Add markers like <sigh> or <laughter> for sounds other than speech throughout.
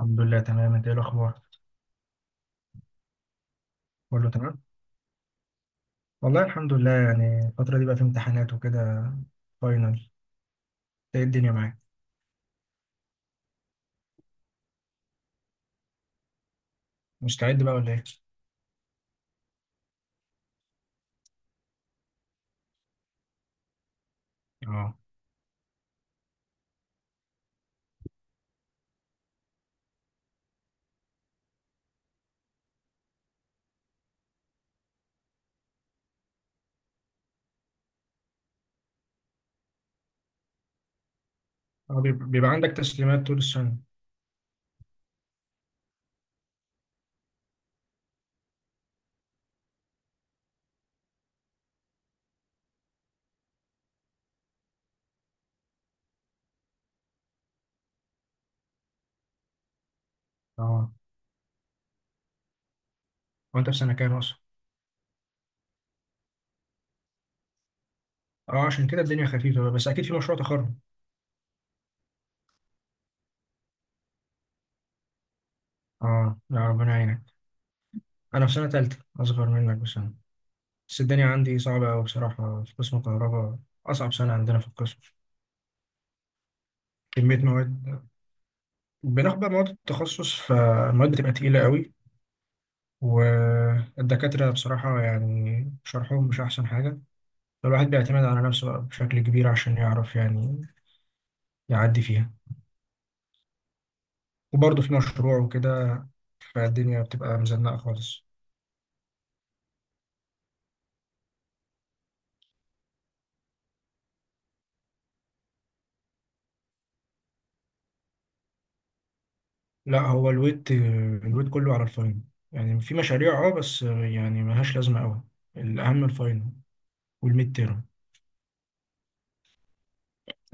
الحمد لله، تمام. انت ايه الاخبار؟ كله تمام، والله الحمد لله. يعني الفتره دي بقى في امتحانات وكده، فاينل. انت ايه الدنيا معاك؟ مستعد بقى ولا ايه؟ اه. اه، بيبقى عندك تسليمات طول السنه؟ اه، هو انت في سنه كام اصلا؟ اه، عشان كده الدنيا خفيفه بقى، بس اكيد في مشروع تخرج. اه، يا ربنا يعينك. انا في سنه تالته، اصغر منك بسنه. بس الدنيا عندي صعبه قوي بصراحه، في قسم كهرباء، اصعب سنه عندنا في القسم. كميه مواد. بناخد بقى مواد التخصص، فالمواد بتبقى تقيله قوي، والدكاترة بصراحة يعني شرحهم مش أحسن حاجة، فالواحد بيعتمد على نفسه بقى بشكل كبير عشان يعرف يعني يعدي فيها. وبرضه في مشروع وكده، فالدنيا بتبقى مزنقة خالص. لا، هو الويت كله على الفاينل. يعني في مشاريع، بس يعني ملهاش لازمة أوي. الأهم الفاينل والميد تيرم.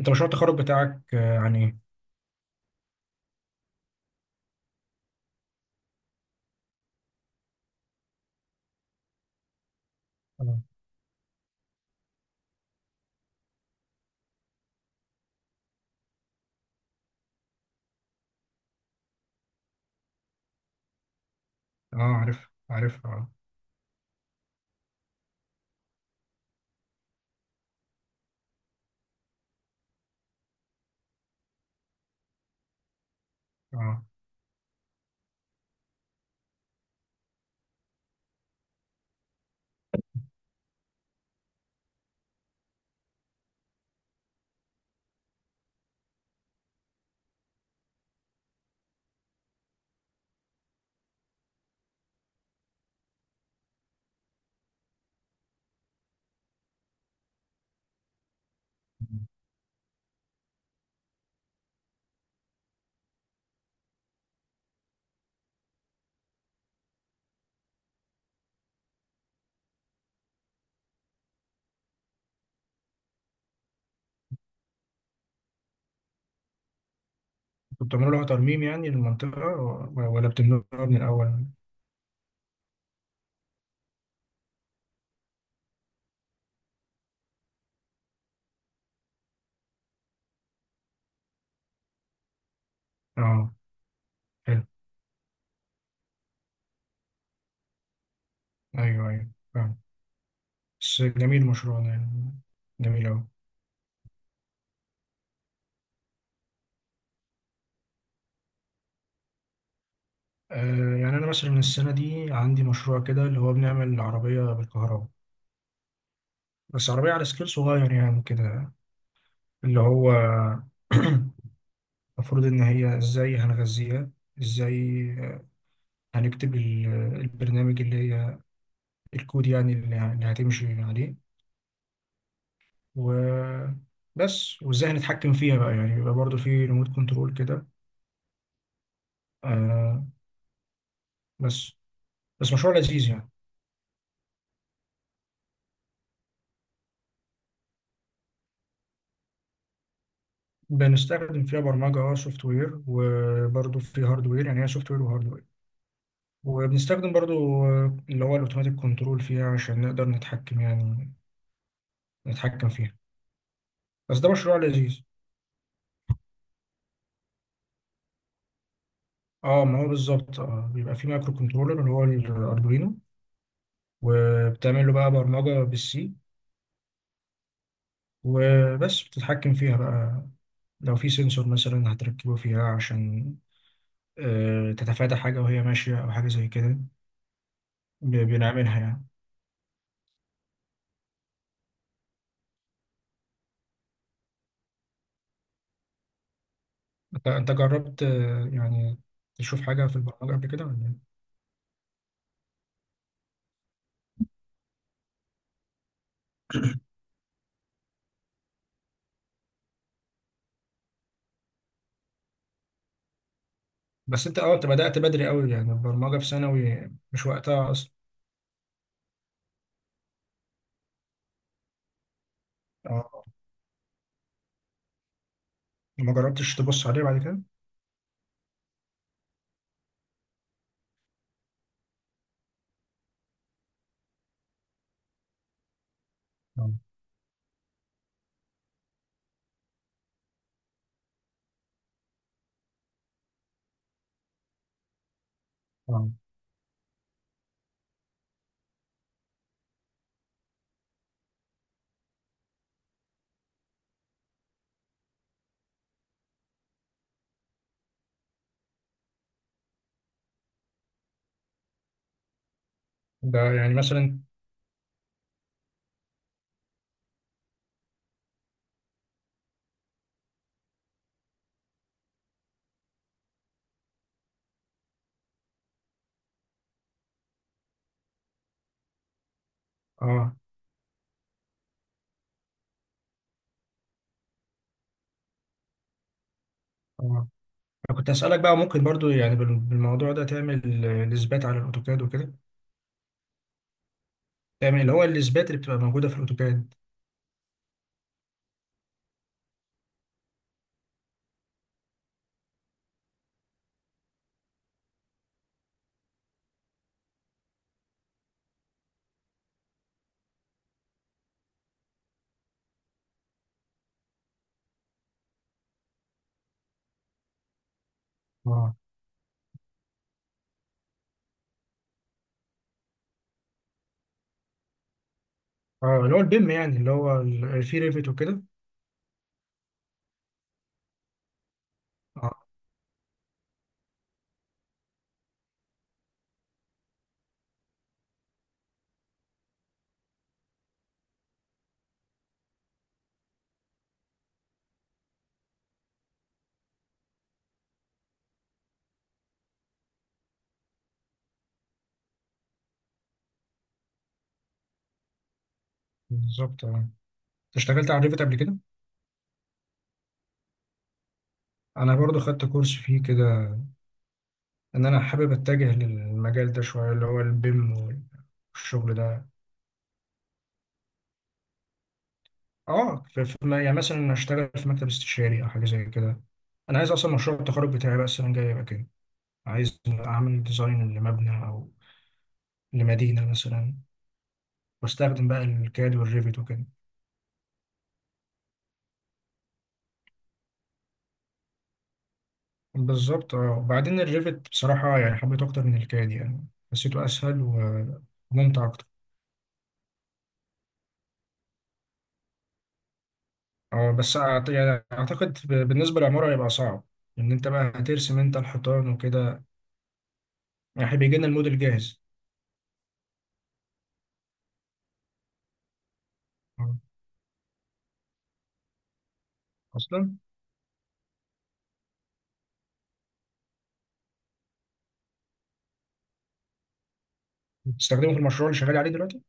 أنت مشروع التخرج بتاعك عن إيه؟ اه. عارف عارف، اه. اه، انتوا بتعملوا لها ترميم يعني للمنطقة، ولا بتبنوها من الأول؟ اه، حلو. ايوه ايوه، فاهم. بس جميل مشروع ده يعني، جميل اوي. يعني انا مثلا السنه دي عندي مشروع كده، اللي هو بنعمل عربيه بالكهرباء، بس عربيه على سكيل صغير يعني كده. اللي هو <clears throat> المفروض ان هي ازاي هنغذيها، ازاي هنكتب البرنامج اللي هي الكود يعني اللي هتمشي عليه. وبس، وازاي هنتحكم فيها بقى، يعني يبقى برضه في ريموت كنترول كده. آه بس بس مشروع لذيذ يعني. بنستخدم فيها برمجة، اه، سوفت وير، وبرضه في هاردوير، يعني هي سوفت وير وهاردوير. وبنستخدم برضه اللي هو الاوتوماتيك كنترول فيها عشان نقدر نتحكم يعني، نتحكم فيها. بس ده مشروع لذيذ. اه، ما هو بالظبط. اه بيبقى في مايكرو كنترولر اللي هو الاردوينو، وبتعمل له بقى برمجة بالسي، وبس بتتحكم فيها بقى. لو في سنسور مثلا هتركبه فيها عشان تتفادى حاجة وهي ماشية أو حاجة زي كده. بنعملها يعني. انت جربت يعني تشوف حاجة في البرمجة قبل كده ولا ايه؟ بس انت، انت بدأت بدري قوي يعني، البرمجة في ثانوي مش وقتها اصلا. اه، ما جربتش تبص عليه بعد كده. اه اه، ده يعني مثلا. اه اه. انا كنت هسألك بقى، ممكن برضو يعني بالموضوع ده تعمل الاثبات على الاوتوكاد وكده. تعمل اللي هو الاثبات اللي بتبقى موجودة في الاوتوكاد. اه اه، اللي هو البيم يعني، اللي هو في ريفت وكده. اه، بالظبط. اه انت اشتغلت على ريفت قبل كده؟ انا برضو خدت كورس فيه كده، ان انا حابب اتجه للمجال ده شويه، اللي هو البيم والشغل ده. اه، يعني مثلا اشتغل في مكتب استشاري او حاجه زي كده. انا عايز اصلا مشروع التخرج بتاعي بقى السنه الجايه يبقى كده، عايز اعمل ديزاين لمبنى او لمدينه مثلا، واستخدم بقى الكاد والريفت وكده. بالظبط. اه وبعدين الريفت بصراحه يعني حبيته اكتر من الكاد يعني، حسيته اسهل وممتع اكتر. اه بس يعني اعتقد بالنسبه للعماره هيبقى صعب، ان انت بقى هترسم انت الحيطان وكده. يعني إحنا بيجي لنا الموديل جاهز؟ آه. اصلا بتستخدمه في المشروع اللي شغال عليه دلوقتي؟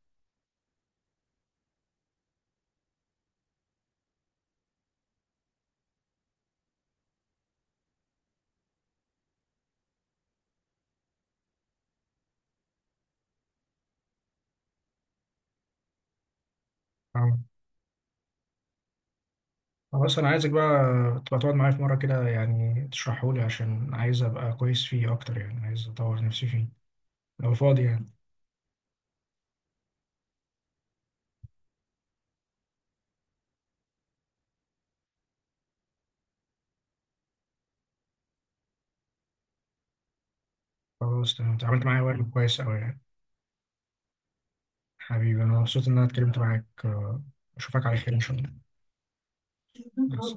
آه. خلاص، انا عايزك بقى تبقى تقعد معايا في مره كده يعني تشرحه لي، عشان عايز ابقى كويس فيه اكتر، يعني عايز اطور نفسي فيه، لو فاضي يعني. خلاص، تمام. اتعاملت معايا وقت كويس قوي يعني. حبيبي، انا مبسوط ان انا اتكلمت معاك. اشوفك على خير ان شاء الله. بس.